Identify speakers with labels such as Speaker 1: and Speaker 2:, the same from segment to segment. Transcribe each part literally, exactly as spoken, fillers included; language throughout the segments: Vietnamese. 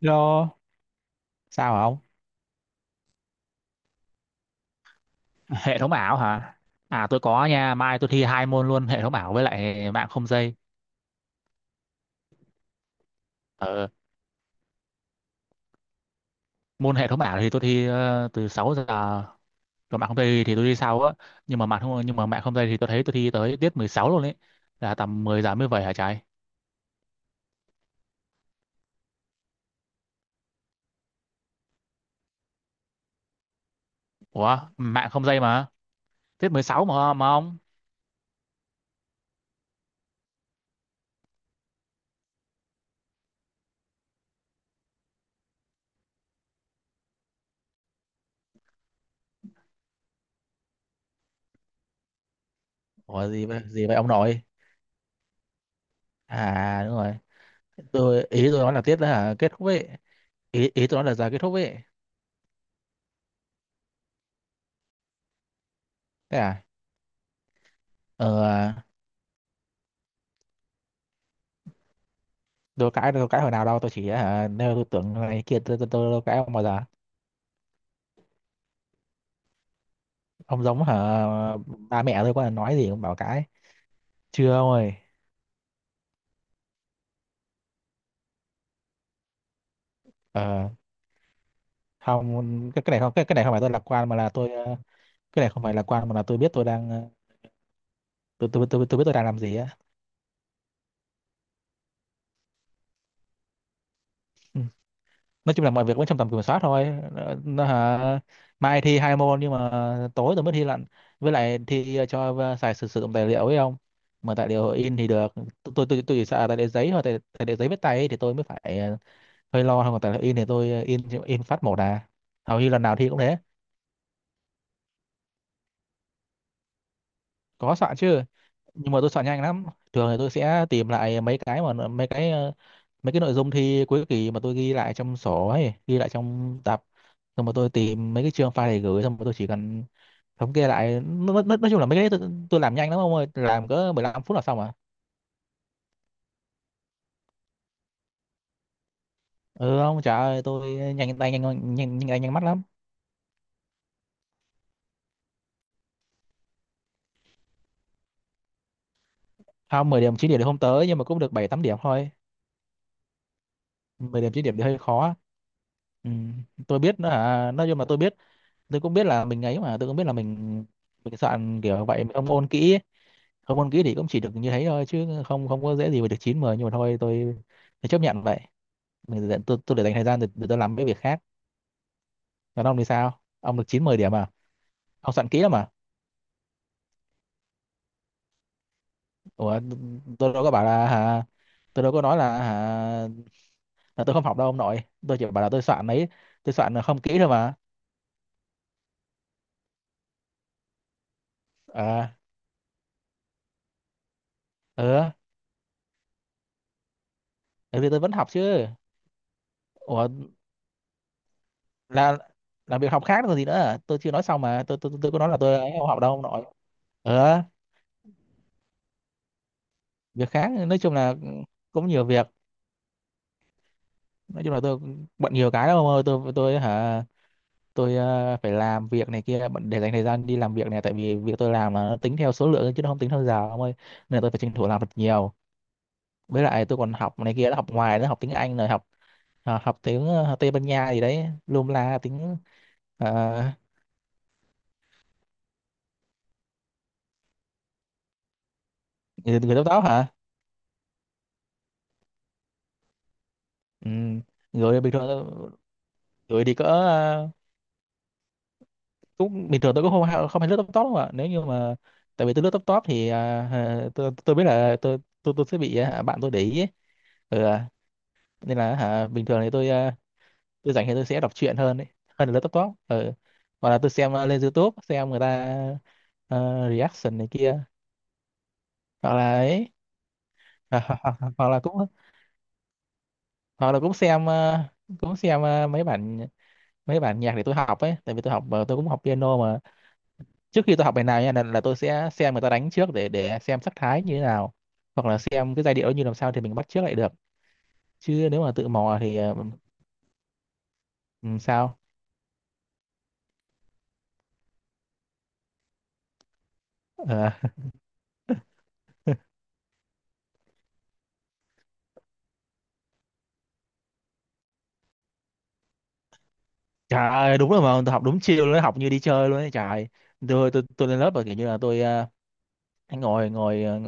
Speaker 1: Hello, sao hả ông? Hệ thống ảo hả? À tôi có nha, mai tôi thi hai môn luôn, hệ thống ảo với lại mạng không dây. Ờ, Môn hệ thống ảo thì tôi thi ờ, từ sáu giờ, còn mạng không dây thì tôi đi sau á. Nhưng mà mạng không nhưng mà mạng không dây thì tôi thấy tôi thi tới tiết mười sáu luôn ấy, là tầm mười giờ mới về hả trái? Ủa, mạng không dây mà, tiết mười sáu mà mà ông. Ủa gì vậy, gì vậy ông nội? À đúng rồi. Tôi ý tôi nói là tiết đó hả? Kết thúc ấy. Ý ý tôi nói là giờ kết thúc ấy. Thế à? Ờ, đâu cãi đâu cãi hồi nào đâu, tôi chỉ hả nêu tôi tưởng này kia, tôi tôi, tôi đâu cãi ông bao giờ. Ông giống hả ba mẹ tôi, có là nói gì cũng bảo cãi. Chưa ông ơi. Ờ không cái, cái này không cái, Cái này không phải tôi lạc quan mà là tôi, ờ, cái này không phải lạc quan mà là tôi biết tôi đang, ờ, tôi tôi tôi, tôi biết tôi đang làm gì á. Ừ, nói chung là mọi việc vẫn trong tầm kiểm soát thôi. Ờ, nó, hả, mai thi hai môn nhưng mà tối tôi mới thi lận, với lại thi ờ, cho ờ, xài sử sử dụng tài liệu ấy không, mà tài liệu in thì được. Tôi tôi tôi, tôi chỉ sợ tài liệu giấy hoặc tài, tài liệu giấy viết tay ấy, thì tôi mới phải ờ, hơi lo không, tại là in thì tôi, ờ, in in phát một à, hầu như lần nào thi cũng thế. Có soạn chứ, nhưng mà tôi soạn nhanh lắm. Thường thì tôi sẽ tìm lại mấy cái mà mấy cái ờ, mấy cái nội dung thi cuối kỳ mà tôi ghi lại trong sổ ấy, ghi lại trong tập, xong rồi tôi tìm mấy cái chương file để gửi, xong rồi tôi chỉ cần thống kê lại. Nói, nói, nói chung là mấy cái đấy tôi, tôi làm nhanh lắm ông ơi, làm cỡ mười lăm phút là xong à. Ừ không, trời ơi tôi nhanh tay, nhanh nhanh nhanh, nhanh, tay, nhanh mắt lắm. Không, mười điểm chín điểm thì không tới, nhưng mà cũng được bảy tám điểm thôi. Mười điểm chín điểm thì hơi khó. Ừ. Tôi biết nó hả, nói chung là tôi biết, tôi cũng biết là mình ấy mà, tôi cũng biết là mình mình soạn kiểu vậy mình không ôn kỹ ấy. Không ôn kỹ thì cũng chỉ được như thế thôi, chứ không không có dễ gì mà được chín mười. Nhưng mà thôi tôi, tôi chấp nhận vậy. Mình để- tôi tôi để dành thời gian để, để tôi làm mấy việc khác. Còn ông thì sao, ông được chín mười điểm à? Ông soạn kỹ lắm mà. Ủa, tôi đâu có bảo là hả, tôi đâu có nói là hả, là tôi không học đâu ông nội. Tôi chỉ bảo là tôi soạn ấy, tôi soạn là không kỹ thôi mà. À ừ, thế thì tôi vẫn học chứ. Ủa, là là việc học khác rồi gì nữa à? Tôi chưa nói xong mà, tôi tôi tôi có nói là tôi ấy không học đâu ông nội. ờ Việc khác nói chung là cũng nhiều việc. Nói chung là tôi bận nhiều cái lắm ông ơi. Tôi tôi hả tôi ờ, phải làm việc này kia, bận- để dành thời gian đi làm việc này, tại vì việc tôi làm là nó tính theo số lượng chứ nó không tính theo giờ ông ơi, nên là tôi phải tranh thủ làm thật nhiều. Với lại tôi còn học này kia, học ngoài nữa, học tiếng Anh rồi học ờ, học tiếng ờ, Tây Ban Nha gì đấy, lum la tiếng, ờ, người người tóc tóc hả. Ừ. Rồi bình thường, rồi thì cỡ, ờ, cũng bình thường, tôi cũng không hay- không hay lướt top top không ạ, nếu như mà tại vì tôi lướt top top thì à, hả, tôi tôi biết là tôi tôi tôi sẽ bị à, bạn tôi để ý ấy. Ừ, à, nên là hả, bình thường thì tôi à, tôi rảnh thì tôi sẽ đọc truyện hơn ấy, hơn là lướt top top. Ừ. Hoặc là tôi xem à, lên YouTube xem người ta à, reaction này kia, hoặc là ấy. hoặc, hoặc, hoặc hoặc là cũng, hoặc là cũng xem à, cũng xem à, mấy bản mấy bản nhạc để tôi học ấy, tại vì tôi học à, tôi cũng học piano mà. Trước khi tôi học bài nào nha, là, là tôi sẽ xem người ta đánh trước để để xem sắc thái như thế nào, hoặc là xem cái giai điệu như làm sao thì mình bắt chước lại được. Chứ nếu mà tự mò thì ờ, ừm, sao. Ờ, trời ơi đúng rồi, mà tôi học đúng chiều luôn ấy, học như đi chơi luôn ấy trời ơi. tôi tôi tôi lên lớp và kiểu như là tôi ờ, ngồi ngồi ờ,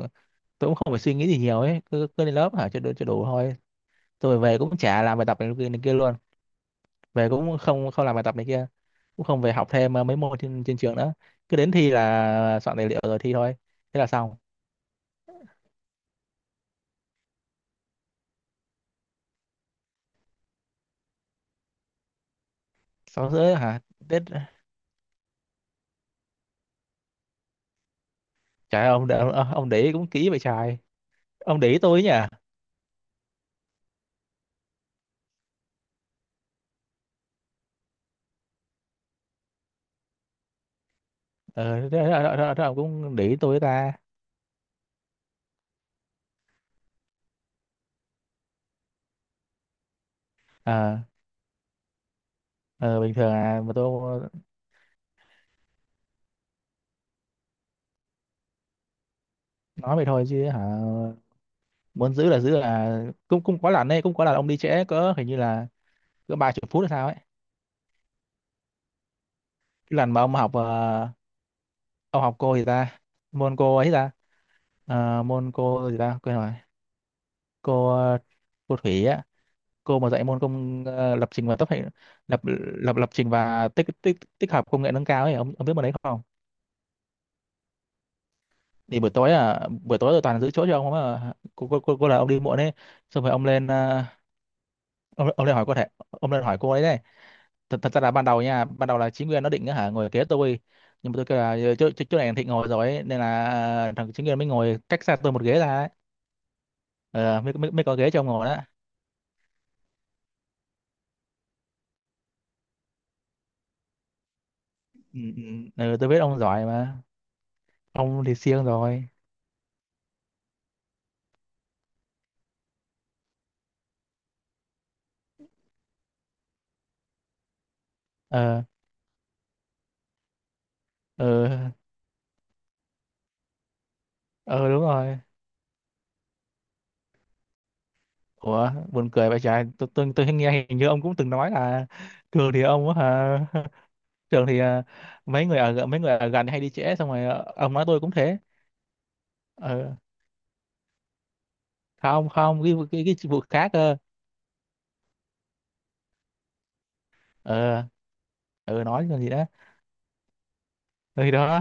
Speaker 1: tôi cũng không phải suy nghĩ gì nhiều ấy, cứ cứ lên lớp hả cho đủ cho đủ thôi. Tôi về cũng chả làm bài tập này, kia- này kia luôn. Về cũng không không làm bài tập này kia, cũng không về học thêm ờ, mấy môn trên trên trường nữa, cứ đến thi là soạn tài liệu rồi thi thôi, thế là xong. Sáu rưỡi hả? Tết, trời ơi, ông để- ông, ông để ý cũng kỹ vậy trời. Ông để ý tôi ấy nhỉ. Ờ thế, thế, thế, thế, thế ông cũng để ý tôi ấy ta. ờ ờ, Bình thường à, mà tôi nói vậy thôi chứ hả, muốn giữ là giữ là cũng, cũng có lần đấy, cũng có lần ông đi trễ cỡ, hình như là cỡ ba chục phút hay sao ấy. Cái lần mà ông học ờ, ông học cô gì ta, môn cô ấy ta, Ờ, môn cô gì ta quên rồi, cô ờ, cô Thủy á, cô mà dạy môn công ờ, lập trình và tích hợp, lập lập lập trình và tích tích tích hợp công nghệ nâng cao ấy, ông ông biết môn đấy không? Thì buổi tối à, buổi tối tôi toàn giữ chỗ cho ông mà, cô cô cô, cô là ông đi muộn đấy. Xong rồi ông lên ờ, ông, ông lên hỏi cô thể ông lên hỏi cô ấy đấy. Thật, thật ra là ban đầu nha, ban đầu là Chính Nguyên nó định á hả ngồi kế tôi, nhưng mà tôi kêu là chỗ chỗ chỗ này Thịnh ngồi rồi ấy, nên là ờ, thằng Chính Nguyên mới ngồi cách xa tôi một ghế ra ấy. Ờ, mới, mới mới có ghế cho ông ngồi đó. ừ, ừ, ừ, ừ, tôi biết ông giỏi mà, ông thì siêng rồi. Ờ. Ừ, ừ đúng rồi. Ủa buồn cười vậy trời, tôi tôi tôi nghe hình như ông cũng từng nói là trường thì ông á hả. Trường thì à, mấy người ở mấy người ở gần hay đi trễ, xong rồi ờ, ông nói tôi cũng thế. Ừ. Không không cái cái cái vụ khác cơ. Ừ. Ừ nói cái gì đó. Ừ, thì đó.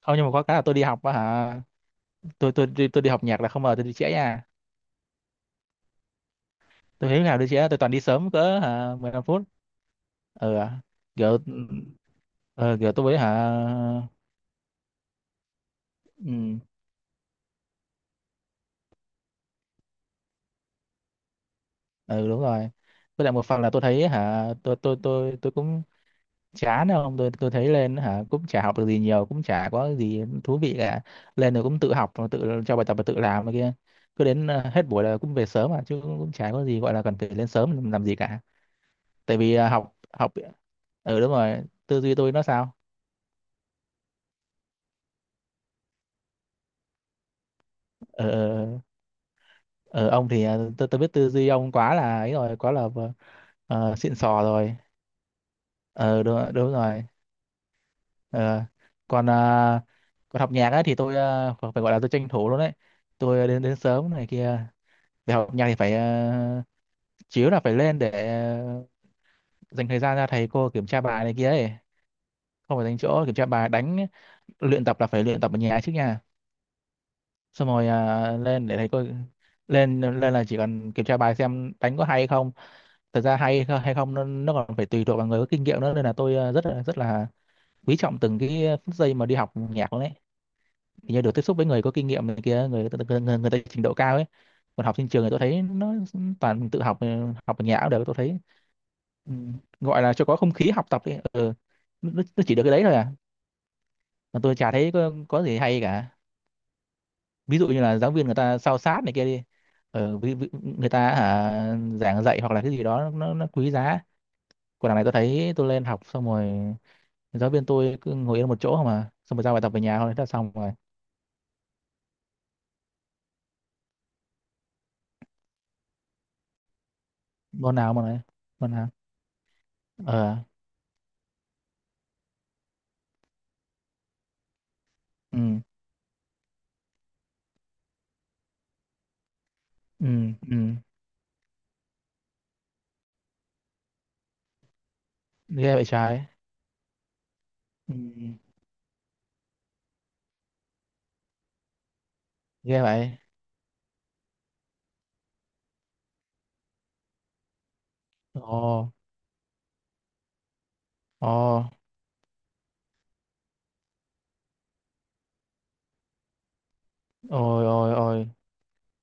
Speaker 1: Không, nhưng mà có cái là tôi đi học á hả, tôi tôi đi tôi đi học nhạc là không ngờ tôi đi trễ nha. Tôi thấy nào đi trễ, tôi toàn đi sớm cỡ hả mười lăm phút. Ừ à. Kiểu ừ, ừ, kiểu tôi với hả. Ừ. Ừ đúng rồi. Với lại một phần là tôi thấy hả, tôi tôi tôi tôi cũng chán không, tôi tôi thấy lên hả cũng chả học được gì nhiều, cũng chả có gì thú vị cả. Lên rồi cũng tự học, rồi tự cho bài tập và tự làm này kia, cứ đến ờ, hết buổi là cũng về sớm mà, chứ cũng, cũng chả có gì gọi là cần phải lên sớm làm, làm gì cả. Tại vì ờ, học học, ừ đúng rồi, tư duy tôi nó sao. ờ ờ, ờ, ờ, ông thì ờ, tôi tôi biết tư duy ông quá là ấy rồi, quá là ờ, ờ, xịn sò rồi. Ờ đúng, đúng rồi. Ờ, Còn à, còn học nhạc ấy thì tôi à, phải phải gọi là tôi tranh thủ luôn đấy. Tôi à, đến đến sớm này kia để học nhạc thì phải à, chiếu là phải lên để à, dành thời gian ra thầy cô kiểm tra bài này kia ấy. Không phải dành chỗ, kiểm tra bài đánh, luyện tập là phải luyện tập ở nhà trước nha, xong rồi à, lên để thầy cô, lên lên là chỉ cần kiểm tra bài xem đánh có hay hay không. Thật ra hay hay không nó, nó còn phải tùy thuộc vào người có kinh nghiệm nữa, nên là tôi à, rất là rất là quý trọng từng cái phút giây mà đi học nhạc luôn đấy. Thì như được tiếp xúc với người có kinh nghiệm này kia, người người, người, người ta trình độ cao ấy. Còn học trên trường thì tôi thấy nó toàn tự học ờ, học ở nhà cũng được tôi thấy, ừ, gọi là cho có không khí học tập ấy. Ừ. nó, nó chỉ được cái đấy thôi à, mà tôi chả thấy có, có gì hay cả. Ví dụ như là giáo viên người ta sao sát này kia đi, ừ, ví, ví, người ta hả, giảng dạy hoặc là cái gì đó nó, nó quý giá. Còn đằng này tôi thấy tôi lên học xong rồi giáo viên tôi cứ ngồi yên một chỗ mà, xong rồi giao bài tập về nhà thôi, thế là xong rồi. Môn nào mà nói, môn nào? ờ ừ. Ừ, ừ, ghê vậy trái. Ừ. Ghê vậy. Ồ. Ồ. Ôi ôi ôi,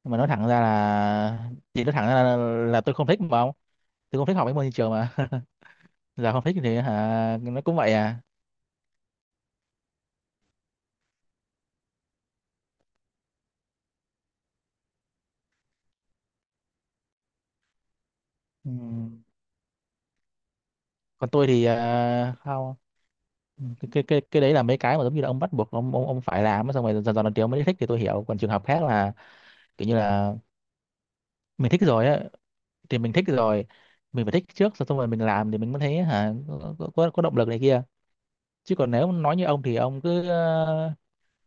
Speaker 1: mà nói thẳng ra là, chị nói thẳng ra là, là tôi không thích mà không, tôi không thích học mấy môn như trường mà. Giờ không thích thì hả nó cũng vậy à. Ừ. Còn tôi thì à, không. Ừ, cái, cái cái cái đấy là mấy cái mà giống như là ông bắt buộc ông ông, ông phải làm á, xong rồi dần dần lần tiếng mới thích thì tôi hiểu, còn trường hợp khác là kiểu như là mình thích rồi á thì mình thích rồi, mình phải thích trước xong rồi mình làm thì mình mới thấy hả có có, có động lực này kia. Chứ còn nếu nói như ông thì ông cứ ờ,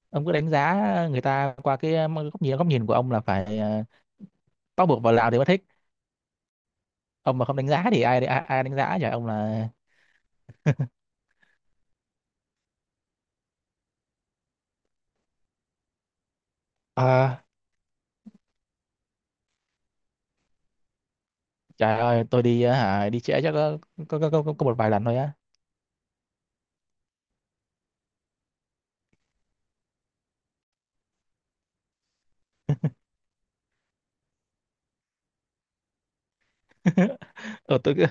Speaker 1: ông cứ đánh giá người ta qua cái ờ, góc nhìn góc nhìn của ông là phải ờ, bắt buộc vào Lào thì mới thích. Ông mà không đánh giá thì ai ai, ai đánh giá trời, ông là à, trời ơi tôi đi ờ, hả đi trễ chắc có có, có, có, có một vài lần thôi á. Ờ tôi cứ.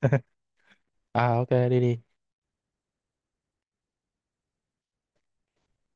Speaker 1: À ok đi đi.